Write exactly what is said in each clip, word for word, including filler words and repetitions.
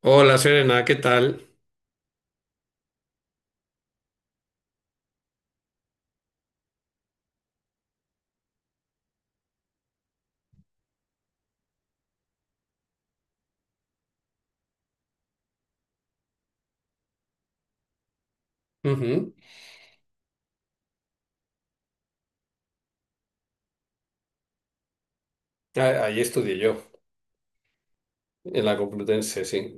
Hola Serena, ¿qué tal? Ujú. A- Ahí estudié yo, en la Complutense, sí.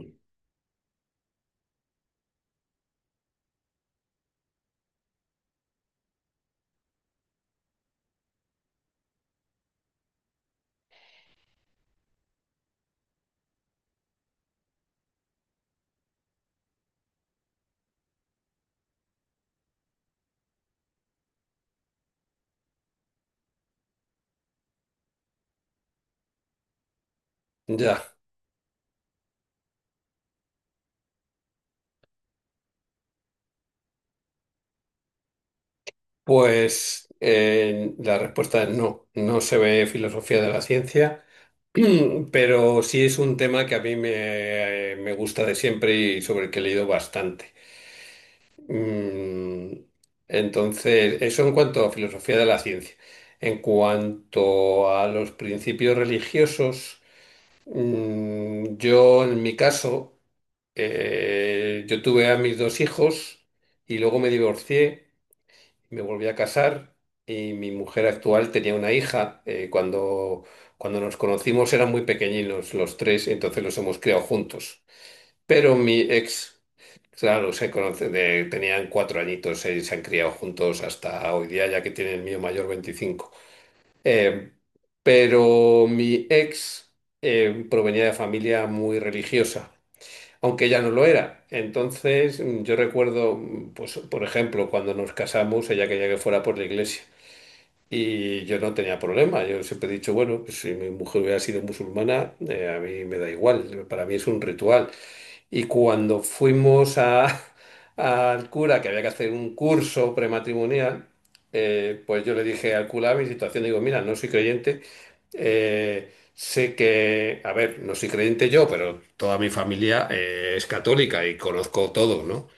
Ya. Pues eh, la respuesta es no. No se ve filosofía de la ciencia, pero sí es un tema que a mí me, me gusta de siempre y sobre el que he leído bastante. Mm, Entonces, eso en cuanto a filosofía de la ciencia. En cuanto a los principios religiosos, mm, yo en mi caso. Eh, yo tuve a mis dos hijos y luego me divorcié, me volví a casar y mi mujer actual tenía una hija. Eh, cuando, cuando nos conocimos eran muy pequeñinos los tres, entonces los hemos criado juntos. Pero mi ex, claro, se conoce de- tenían cuatro añitos, eh, se han criado juntos hasta hoy día, ya que tiene el mío mayor veinticinco. Eh, pero mi ex eh, provenía de familia muy religiosa aunque ya no lo era. Entonces, mm, yo recuerdo, mm, pues, por ejemplo, cuando nos casamos, ella quería que fuera por la iglesia. Y yo no tenía problema. Yo siempre he dicho, bueno, pues, si mi mujer hubiera sido musulmana, eh, a mí me da igual. Para mí es un ritual. Y cuando fuimos a- al cura, que había que hacer un curso prematrimonial, eh, pues yo le dije al cura mi situación, digo, mira, no soy creyente, eh, sé que, a ver, no soy creyente yo, pero toda mi familia eh, es católica y conozco todo, ¿no?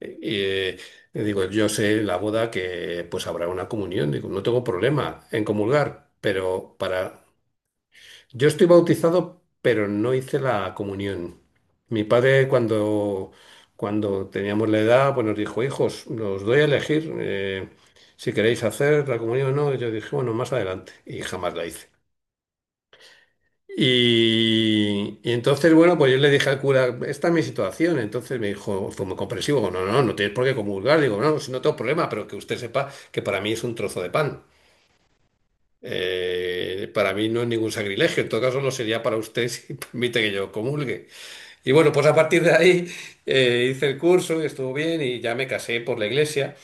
Y eh, le digo, yo sé en la boda que pues habrá una comunión, digo, no tengo problema en comulgar, pero para yo estoy bautizado, pero no hice la comunión. Mi padre, cuando, cuando teníamos la edad, pues nos dijo, hijos, los doy a elegir eh, si queréis hacer la comunión o no. Y yo dije, bueno, más adelante. Y jamás la hice. Y, y entonces, bueno, pues yo le dije al cura, esta es mi situación. Entonces me dijo, fue muy comprensivo, no, no, no, no tienes por qué comulgar. Digo, no, si no tengo problema, pero que usted sepa que para mí es un trozo de pan. Eh, para mí no es ningún sacrilegio, en todo caso no sería para usted si permite que yo comulgue. Y bueno, pues a partir de ahí eh, hice el curso y estuvo bien y ya me casé por la iglesia.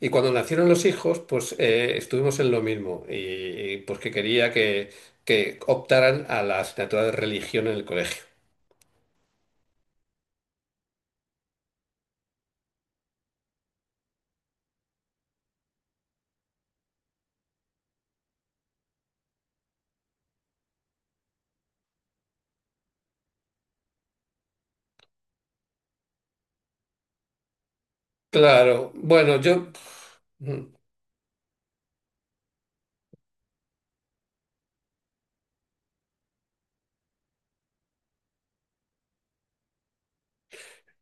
Y cuando nacieron los hijos, pues eh, estuvimos en lo mismo y, y, pues que quería que, que optaran a la asignatura de religión en el colegio. Claro, bueno, yo, mm,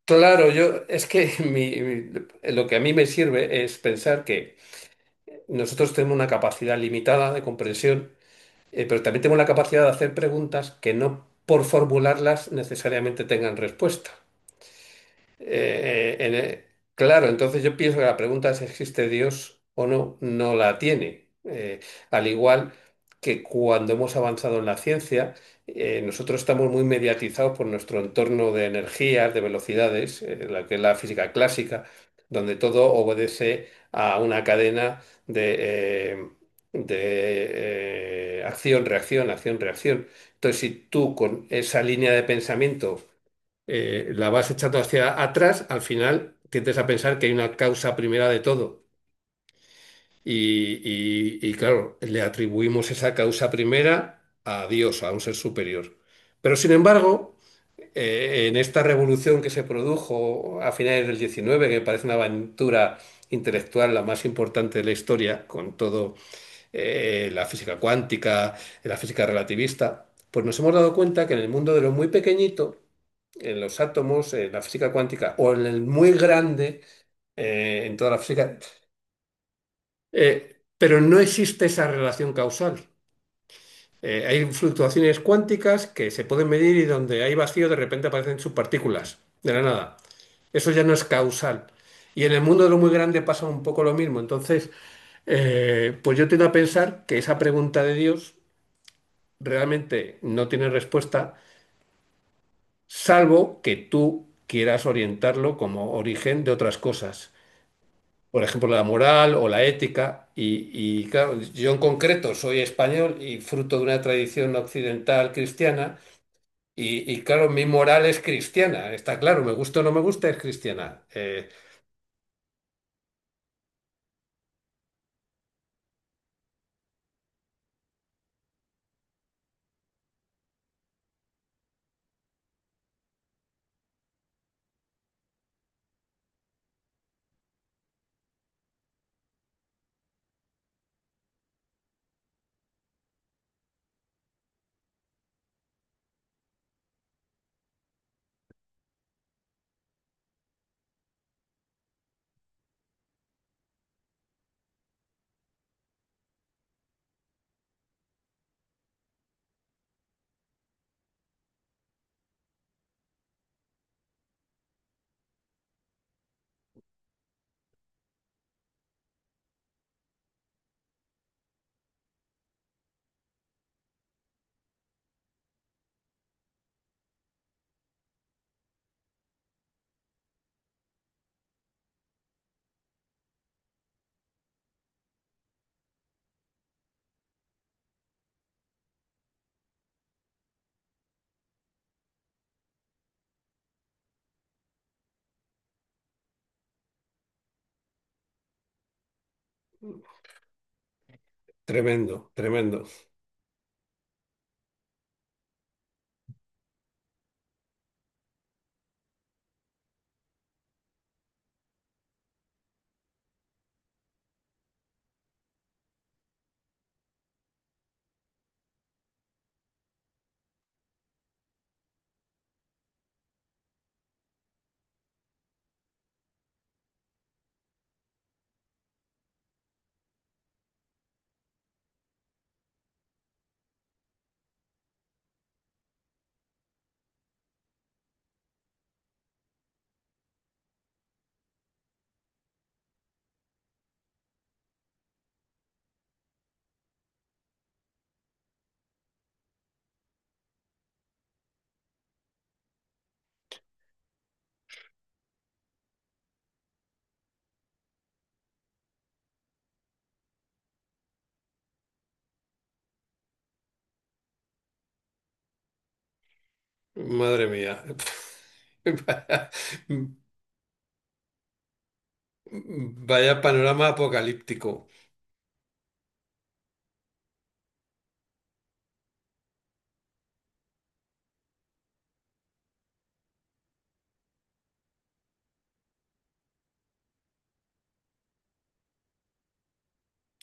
claro, yo, es que mi- mi- lo que a mí me sirve es pensar que nosotros tenemos una capacidad limitada de comprensión. Eh, pero también tengo la capacidad de hacer preguntas que no por formularlas necesariamente tengan respuesta. Eh, eh, en e- claro, entonces yo pienso que la pregunta si existe Dios o no, no la tiene. Eh, al igual que cuando hemos avanzado en la ciencia, eh, nosotros estamos muy mediatizados por nuestro entorno de energías, de velocidades, eh, la que es la física clásica, donde todo obedece a una cadena de, eh, de eh, acción, reacción, acción, reacción. Entonces, si tú con esa línea de pensamiento eh, la vas echando hacia atrás, al final tiendes a pensar que hay una causa primera de todo. Y, y- y, claro, le atribuimos esa causa primera a Dios, a un ser superior. Pero sin embargo, eh, en esta revolución que se produjo a finales del diecinueve, que parece una aventura intelectual la más importante de la historia, con todo eh, la física cuántica, la física relativista, pues nos hemos dado cuenta que en el mundo de lo muy pequeñito, en los átomos, en la física cuántica o en el muy grande, eh, en toda la física, eh, pero no existe esa relación causal. Eh, hay fluctuaciones cuánticas que se pueden medir y donde hay vacío de repente aparecen subpartículas de la nada. Eso ya no es causal. Y en el mundo de lo muy grande pasa un poco lo mismo. Entonces, eh, pues yo tiendo a pensar que esa pregunta de Dios realmente no tiene respuesta salvo que tú quieras orientarlo como origen de otras cosas. Por ejemplo, la moral o la ética. Y, y, claro, yo en concreto soy español y fruto de una tradición occidental cristiana. Y, y, claro, mi moral es cristiana, está claro, me gusta o no me gusta, es cristiana. Eh, tremendo, tremendo. Madre mía. Vaya, vaya panorama apocalíptico.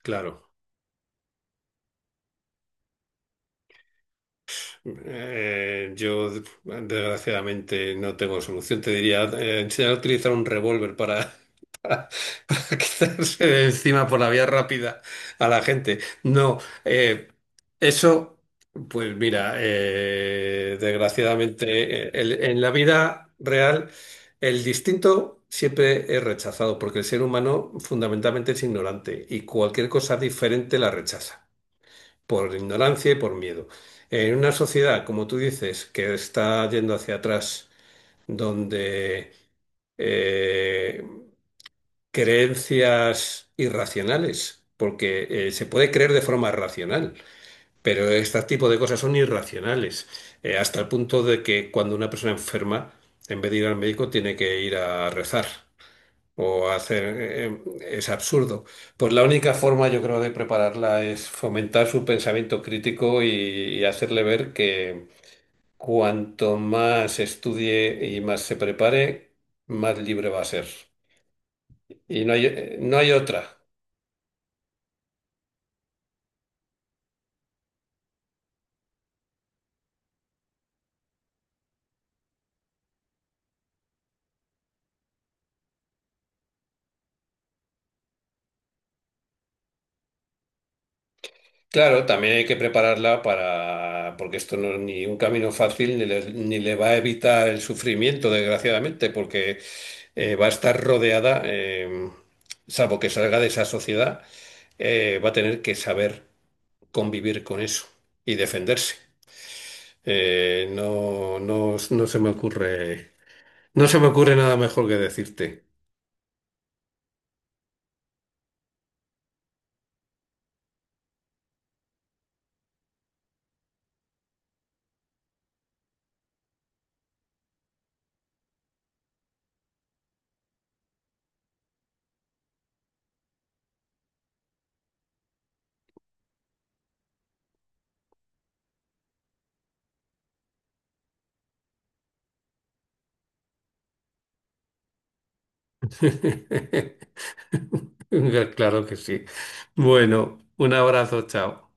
Claro. Eh, yo desgraciadamente no tengo solución. Te diría, eh, enseñar a utilizar un revólver para, para quitarse de encima por la vía rápida a la gente. No, eh, eso, pues mira, eh, desgraciadamente eh, el- en la vida real el distinto siempre es rechazado porque el ser humano fundamentalmente es ignorante y cualquier cosa diferente la rechaza por ignorancia y por miedo. En una sociedad, como tú dices, que está yendo hacia atrás, donde eh, creencias irracionales, porque eh, se puede creer de forma racional, pero este tipo de cosas son irracionales, eh, hasta el punto de que cuando una persona enferma, en vez de ir al médico, tiene que ir a rezar o hacer eh, eh, es absurdo. Pues la única forma, yo creo, de prepararla es fomentar su pensamiento crítico y, y hacerle ver que cuanto más estudie y más se prepare, más libre va a ser. Y no hay, eh, no hay otra. Claro, también hay que prepararla para, porque esto no es ni un camino fácil, ni le, ni le va a evitar el sufrimiento, desgraciadamente, porque eh, va a estar rodeada, eh, salvo que salga de esa sociedad, eh, va a tener que saber convivir con eso y defenderse. Eh, no, no, no se me ocurre, no se me ocurre nada mejor que decirte. Claro que sí. Bueno, un abrazo, chao.